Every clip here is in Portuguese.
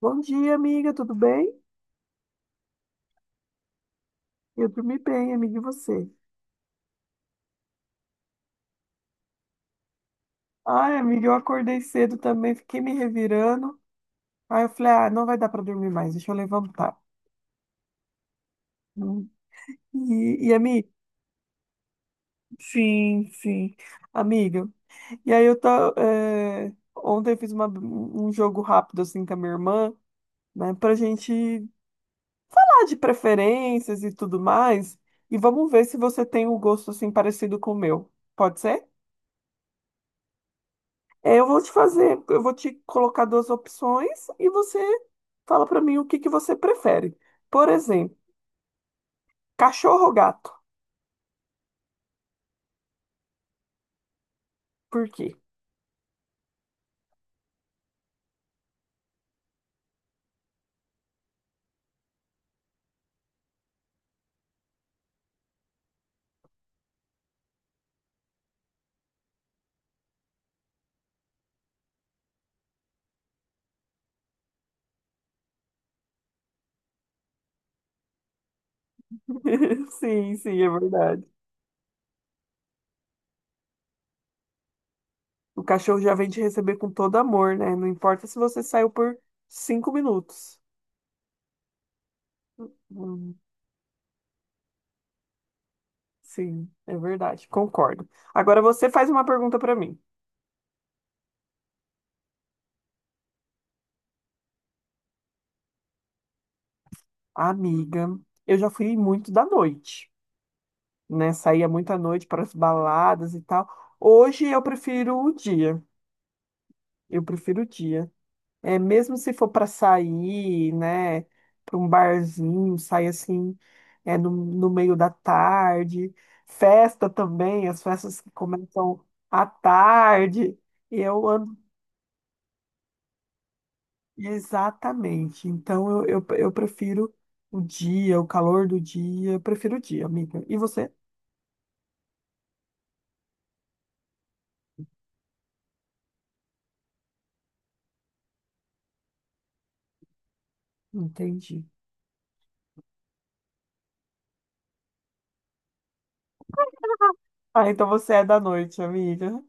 Bom dia, amiga, tudo bem? Eu dormi bem, amiga, e você? Ai, amiga, eu acordei cedo também, fiquei me revirando. Aí eu falei, ah, não vai dar para dormir mais, deixa eu levantar. Hum. E amiga, sim, sim, amiga. E aí ontem eu fiz um jogo rápido assim com a minha irmã, né, pra gente falar de preferências e tudo mais. E vamos ver se você tem um gosto assim parecido com o meu. Pode ser? É, eu vou te fazer, eu vou te colocar duas opções e você fala pra mim o que que você prefere. Por exemplo, cachorro ou gato? Por quê? Sim, sim, é verdade. O cachorro já vem te receber com todo amor, né? Não importa se você saiu por 5 minutos. Hum. Sim, é verdade, concordo. Agora você faz uma pergunta pra mim. Amiga, eu já fui muito da noite, né? Saía muito à noite para as baladas e tal. Hoje eu prefiro o dia. Eu prefiro o dia. É, mesmo se for para sair, né, para um barzinho, sair assim, no meio da tarde. Festa também, as festas que começam à tarde. E eu ando exatamente. Então eu prefiro o dia, o calor do dia. Eu prefiro o dia, amiga. E você? Entendi. Ah, então você é da noite, amiga.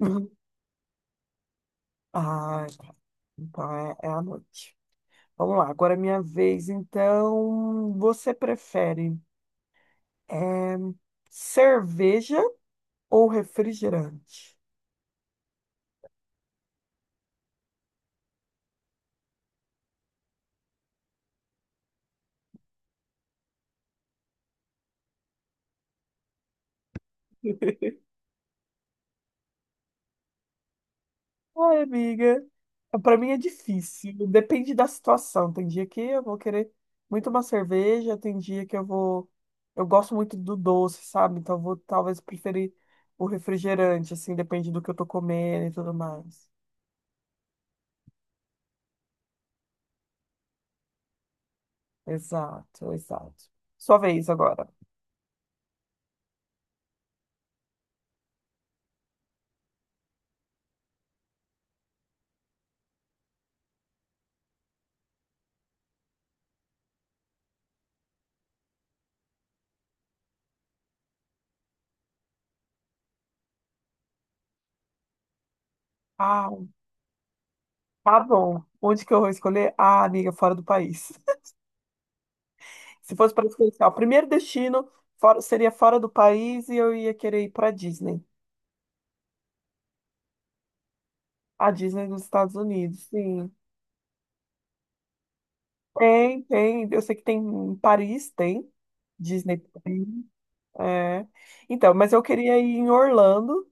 Ah, então é a noite. Vamos lá, agora é minha vez. Então, você prefere eh, cerveja ou refrigerante? Ai, amiga, para mim é difícil. Depende da situação. Tem dia que eu vou querer muito uma cerveja, tem dia que eu vou. Eu gosto muito do doce, sabe? Então, eu vou talvez preferir o refrigerante, assim, depende do que eu tô comendo e tudo mais. Exato, exato. Sua vez agora. Ah, tá bom. Onde que eu vou escolher? Ah, amiga, fora do país. Se fosse para escolher, assim, ó, o primeiro destino seria fora do país e eu ia querer ir para Disney. A Disney nos Estados Unidos, sim. Tem, tem. Eu sei que tem em Paris, tem. Disney. Tem. É. Então, mas eu queria ir em Orlando.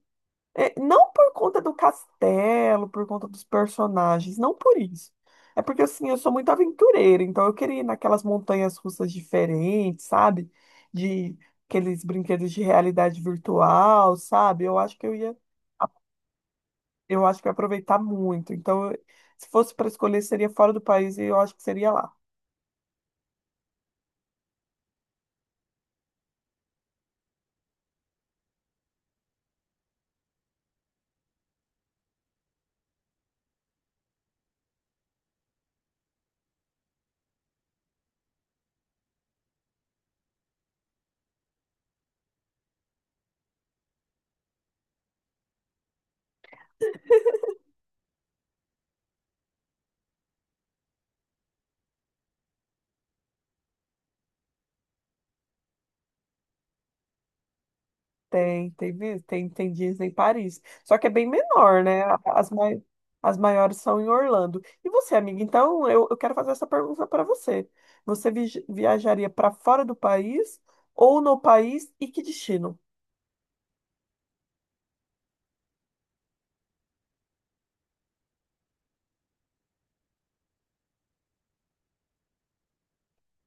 É, não por conta do castelo, por conta dos personagens, não por isso. É porque, assim, eu sou muito aventureira, então eu queria ir naquelas montanhas russas diferentes, sabe? De aqueles brinquedos de realidade virtual, sabe? Eu acho que eu ia aproveitar muito. Então, eu- se fosse para escolher, seria fora do país e eu acho que seria lá. Tem Disney em Paris. Só que é bem menor, né? As maiores são em Orlando. E você, amiga? Então, eu quero fazer essa pergunta para você. Você viajaria para fora do país ou no país e que destino?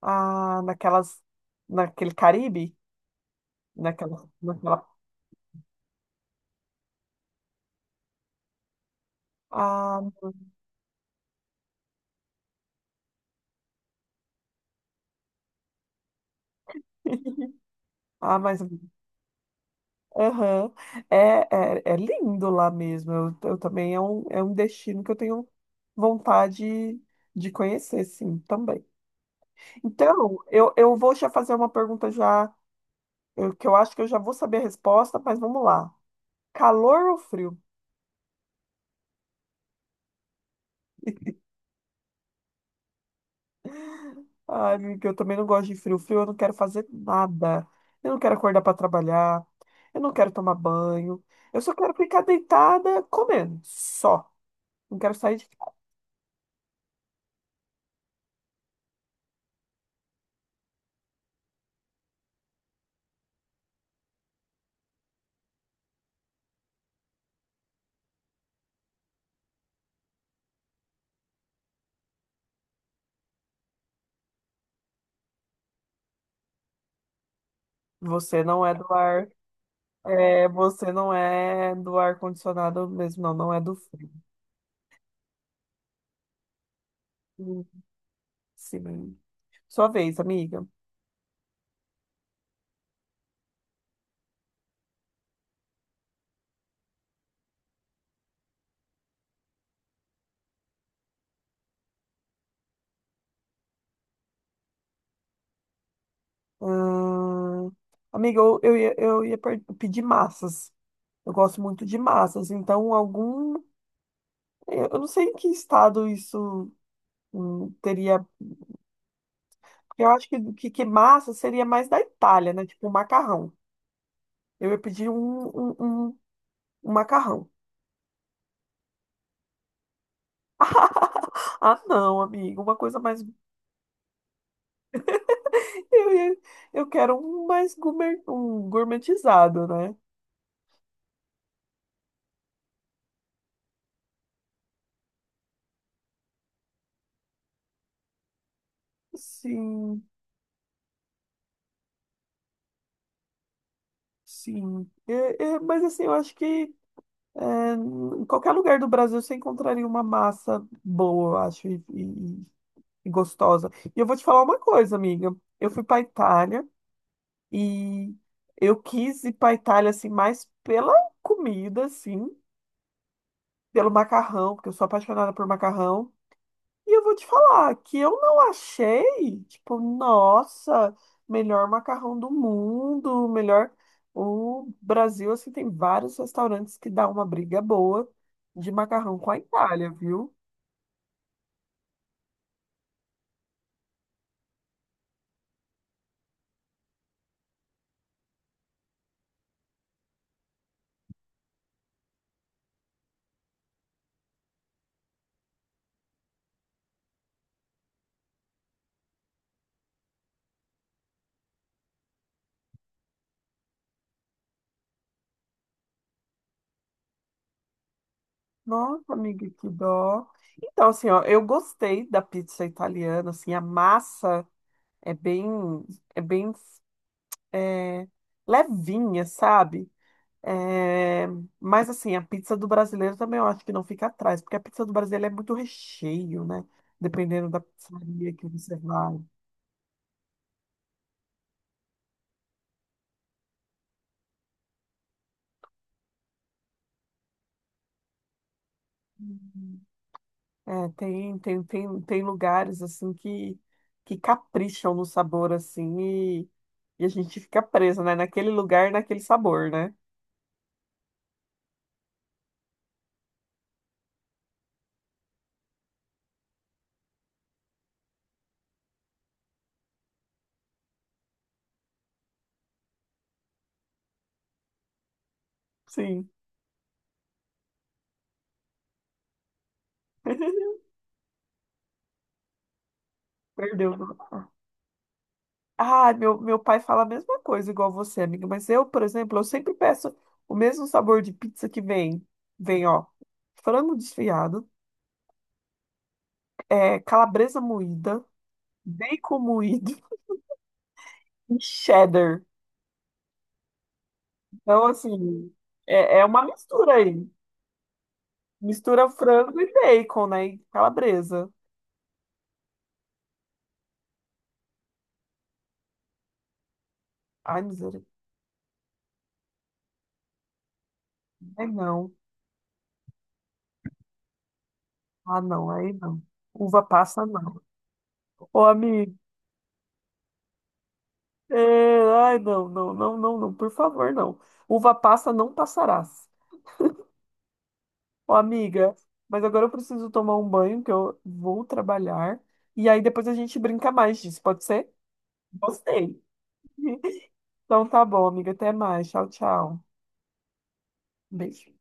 Ah, naquele Caribe? Naquela... Ah, ah, mas aham. É, é, lindo lá mesmo. Eu também é um destino que eu tenho vontade de conhecer, sim, também. Então, eu vou já fazer uma pergunta já, que eu acho que eu já vou saber a resposta, mas vamos lá. Calor ou frio? Ai, amiga, eu também não gosto de frio. Frio eu não quero fazer nada. Eu não quero acordar para trabalhar. Eu não quero tomar banho. Eu só quero ficar deitada comendo, só. Não quero sair de... Você não é do ar, é, você não é do ar condicionado mesmo, não, não é do frio. Hum. Sim. Sua vez, amiga. Hum, amiga, eu ia pedir massas. Eu gosto muito de massas, então algum. Eu não sei em que estado isso teria. Porque eu acho que massa seria mais da Itália, né? Tipo um macarrão. Eu ia pedir um- um macarrão. Ah, não, amigo, uma coisa mais. Eu, ia- eu quero um mais gourmet, um gourmetizado, né? Sim, sim. É, mas assim, eu acho que. É, em qualquer lugar do Brasil você encontraria uma massa boa, eu acho, e gostosa. E eu vou te falar uma coisa, amiga. Eu fui para Itália e eu quis ir para Itália assim mais pela comida, assim, pelo macarrão, porque eu sou apaixonada por macarrão. E eu vou te falar que eu não achei, tipo, nossa, melhor macarrão do mundo, melhor. O Brasil, assim, tem vários restaurantes que dá uma briga boa de macarrão com a Itália, viu? Nossa, amiga, que dó. Então, assim, ó, eu gostei da pizza italiana, assim, a massa é bem, é bem, é, levinha, sabe? É, mas assim, a pizza do brasileiro também eu acho que não fica atrás, porque a pizza do brasileiro é muito recheio, né? Dependendo da pizzaria que você vai. Uhum. É, tem lugares assim que capricham no sabor assim e a gente fica preso, né? Naquele lugar, naquele sabor, né? Sim, perdeu. Ah, meu pai fala a mesma coisa, igual você, amiga. Mas eu, por exemplo, eu sempre peço o mesmo sabor de pizza que vem. Vem, ó, frango desfiado, é, calabresa moída, bacon moído e cheddar. Então, assim, é uma mistura aí. Mistura frango e bacon, né? E calabresa. Ai, misericórdia. Ai, não. Ah, não, aí não. Uva passa, não. Ô, amigo. É, ai, não, não, não, não, não. Por favor, não. Uva passa não passará. Ô, amiga, mas agora eu preciso tomar um banho, que eu vou trabalhar. E aí depois a gente brinca mais disso, pode ser? Gostei. Então tá bom, amiga. Até mais. Tchau, tchau. Beijo.